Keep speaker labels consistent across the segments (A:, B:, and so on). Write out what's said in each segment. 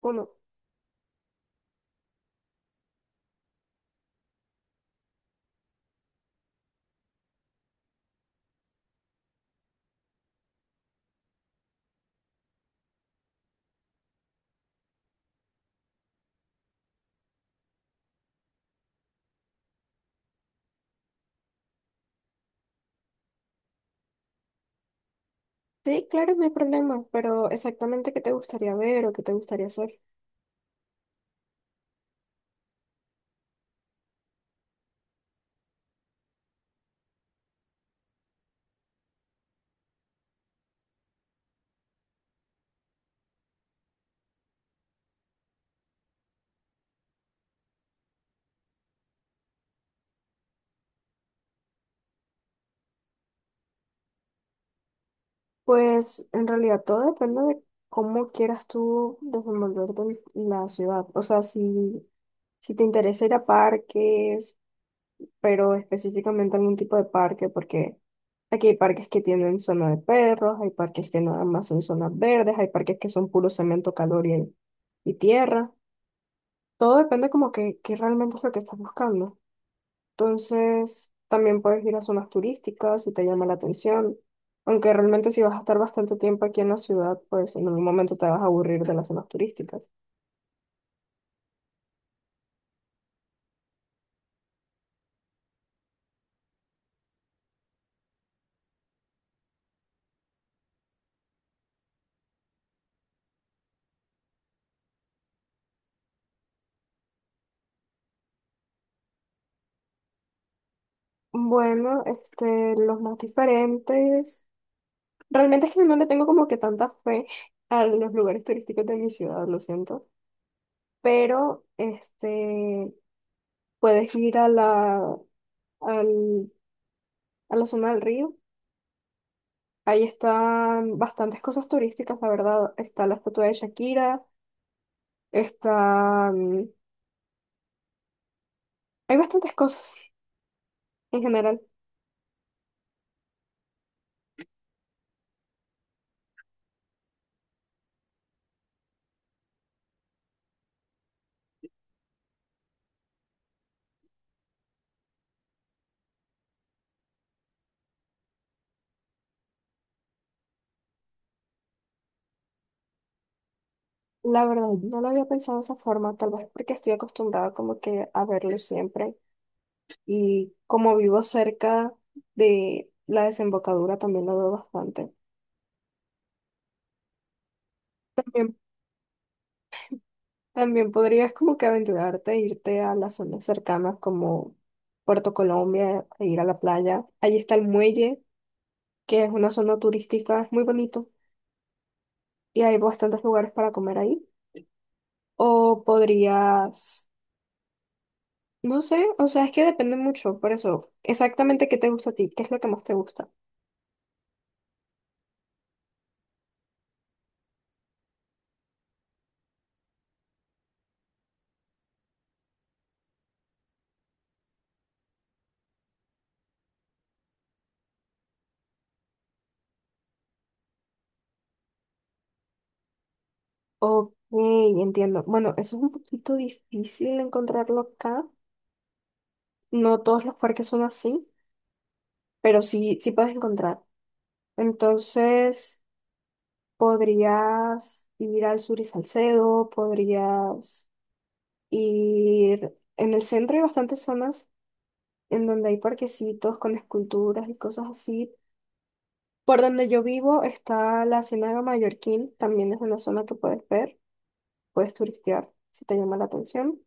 A: Bueno, sí, claro, no hay problema, pero exactamente qué te gustaría ver o qué te gustaría hacer. Pues en realidad todo depende de cómo quieras tú desenvolverte en la ciudad. O sea, si te interesa ir a parques, pero específicamente algún tipo de parque, porque aquí hay parques que tienen zona de perros, hay parques que nada más son zonas verdes, hay parques que son puro cemento, calor y tierra. Todo depende como que realmente es lo que estás buscando. Entonces, también puedes ir a zonas turísticas si te llama la atención. Aunque realmente si vas a estar bastante tiempo aquí en la ciudad, pues en algún momento te vas a aburrir de las zonas turísticas. Bueno, este, los más diferentes. Realmente es que no le tengo como que tanta fe a los lugares turísticos de mi ciudad, lo siento. Pero, este, puedes ir al- a la zona del río. Ahí están bastantes cosas turísticas, la verdad. Está la estatua de Shakira. Está, hay bastantes cosas en general. La verdad, no lo había pensado de esa forma, tal vez porque estoy acostumbrada como que a verlo siempre y como vivo cerca de la desembocadura también lo veo bastante. También, también podrías como que aventurarte, e irte a las zonas cercanas como Puerto Colombia, e ir a la playa. Allí está el muelle, que es una zona turística, es muy bonito y hay bastantes lugares para comer ahí. O podrías no sé, o sea, es que depende mucho, por eso, exactamente qué te gusta a ti, qué es lo que más te gusta. Ok, entiendo. Bueno, eso es un poquito difícil encontrarlo acá. No todos los parques son así, pero sí, sí puedes encontrar. Entonces, podrías ir al Sur y Salcedo, podrías ir en el centro hay bastantes zonas en donde hay parquecitos con esculturas y cosas así. Por donde yo vivo está la Ciénaga Mallorquín, también es una zona que puedes ver, puedes turistear si te llama la atención.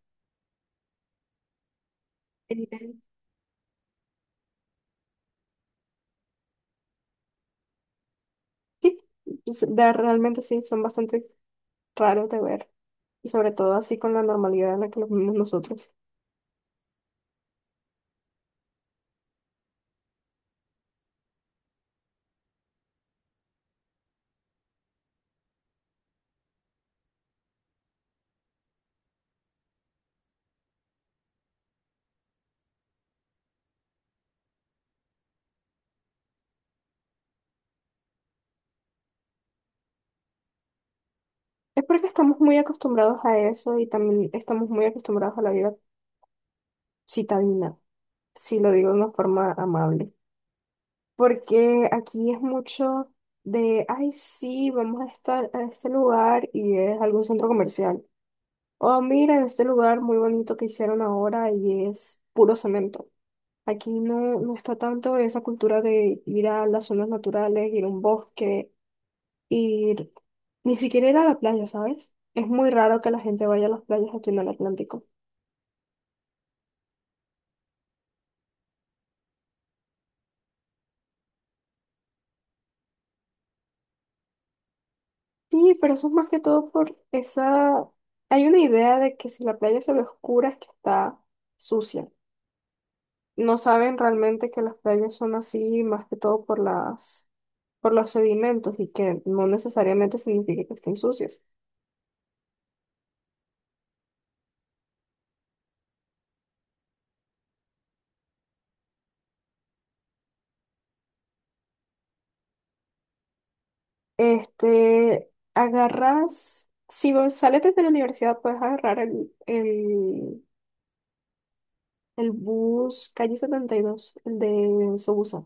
A: Genial. Sí, pues, de- realmente sí, son bastante raros de ver y sobre todo así con la normalidad en la que los vivimos nosotros. Es porque estamos muy acostumbrados a eso y también estamos muy acostumbrados a la vida citadina, si lo digo de una forma amable. Porque aquí es mucho de, ay, sí, vamos a estar a este lugar y es algún centro comercial. Oh, mira, en este lugar muy bonito que hicieron ahora y es puro cemento. Aquí no, no está tanto esa cultura de ir a las zonas naturales, ir a un bosque, ir ni siquiera ir a la playa, ¿sabes? Es muy raro que la gente vaya a las playas aquí en el Atlántico. Sí, pero eso es más que todo por esa… Hay una idea de que si la playa se ve oscura es que está sucia. No saben realmente que las playas son así, más que todo por las, por los sedimentos y que no necesariamente significa que estén sucias. Este, agarras, si vos sales desde la universidad, puedes agarrar el bus calle 72, el de Sobusa.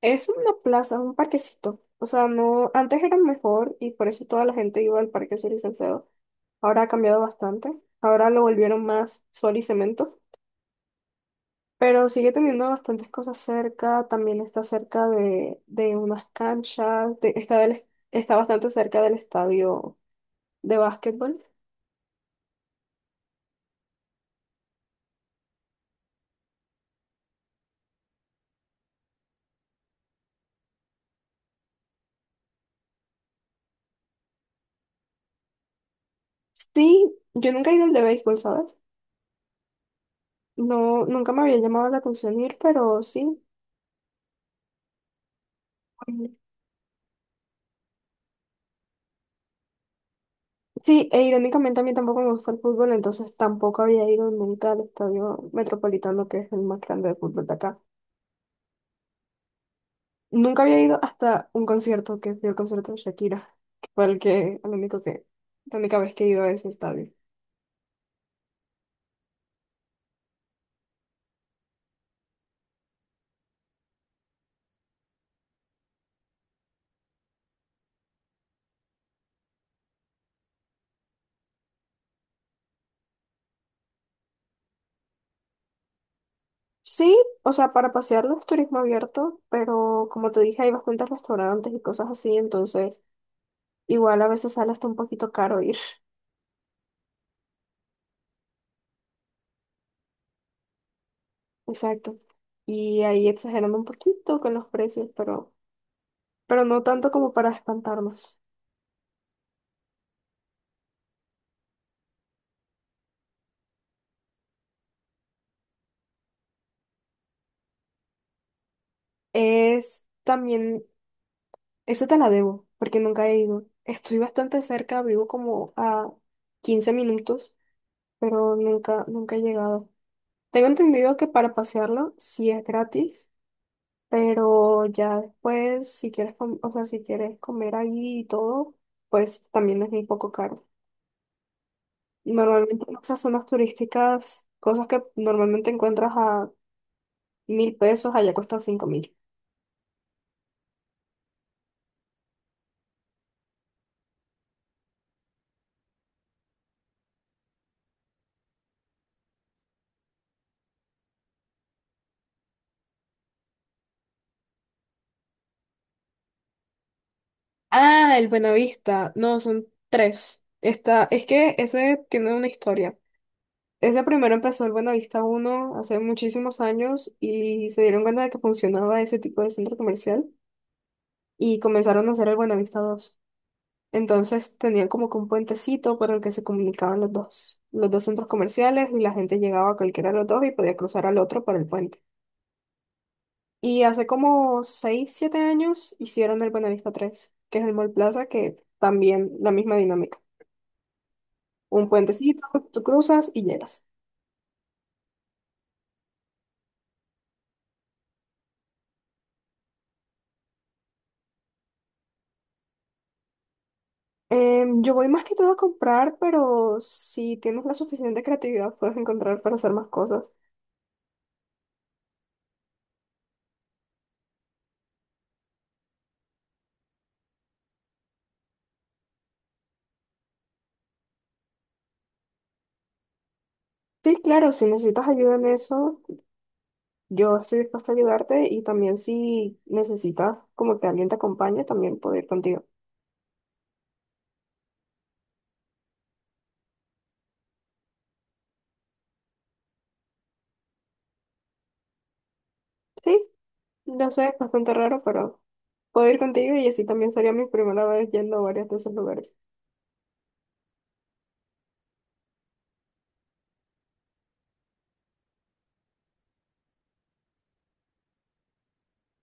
A: Es una plaza, un parquecito. O sea, no, antes era mejor y por eso toda la gente iba al Parque Sol y Salcedo. Ahora ha cambiado bastante. Ahora lo volvieron más sol y cemento. Pero sigue teniendo bastantes cosas cerca, también está cerca de unas canchas, de- está, del, est- está bastante cerca del estadio de básquetbol. Sí, yo nunca he ido al de béisbol, ¿sabes? No, nunca me había llamado la atención ir, pero sí. Sí, e irónicamente a mí tampoco me gusta el fútbol, entonces tampoco había ido nunca al estadio Metropolitano, que es el más grande de fútbol de acá. Nunca había ido hasta un concierto, que fue el concierto de Shakira, que fue el que, el único que, la única vez que he ido a ese estadio. Sí, o sea, para pasearlo es turismo abierto, pero como te dije, hay bastantes restaurantes y cosas así, entonces igual a veces sale hasta un poquito caro ir. Exacto. Y ahí exagerando un poquito con los precios, pero no tanto como para espantarnos. Es también, eso te la debo, porque nunca he ido. Estoy bastante cerca, vivo como a 15 minutos, pero nunca he llegado. Tengo entendido que para pasearlo sí es gratis. Pero ya después, si quieres, o sea, si quieres comer ahí y todo, pues también es muy poco caro. Normalmente en esas zonas turísticas, cosas que normalmente encuentras a 1.000 pesos, allá cuestan 5.000. Ah, el Buenavista. No, son tres. Está, es que ese tiene una historia. Ese primero empezó el Buenavista uno hace muchísimos años y se dieron cuenta de que funcionaba ese tipo de centro comercial y comenzaron a hacer el Buenavista dos. Entonces tenían como que un puentecito por el que se comunicaban los dos, centros comerciales y la gente llegaba a cualquiera de los dos y podía cruzar al otro por el puente. Y hace como 6 7 años hicieron el Buenavista tres, que es el Mall Plaza, que también la misma dinámica. Un puentecito, tú cruzas y llegas. Em, yo voy más que todo a comprar, pero si tienes la suficiente creatividad puedes encontrar para hacer más cosas. Sí, claro, si necesitas ayuda en eso, yo estoy dispuesta a ayudarte y también si necesitas como que alguien te acompañe, también puedo ir contigo. Sí, no sé, es bastante raro, pero puedo ir contigo y así también sería mi primera vez yendo a varios de esos lugares.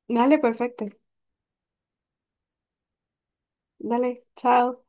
A: Dale, perfecto. Dale, chao.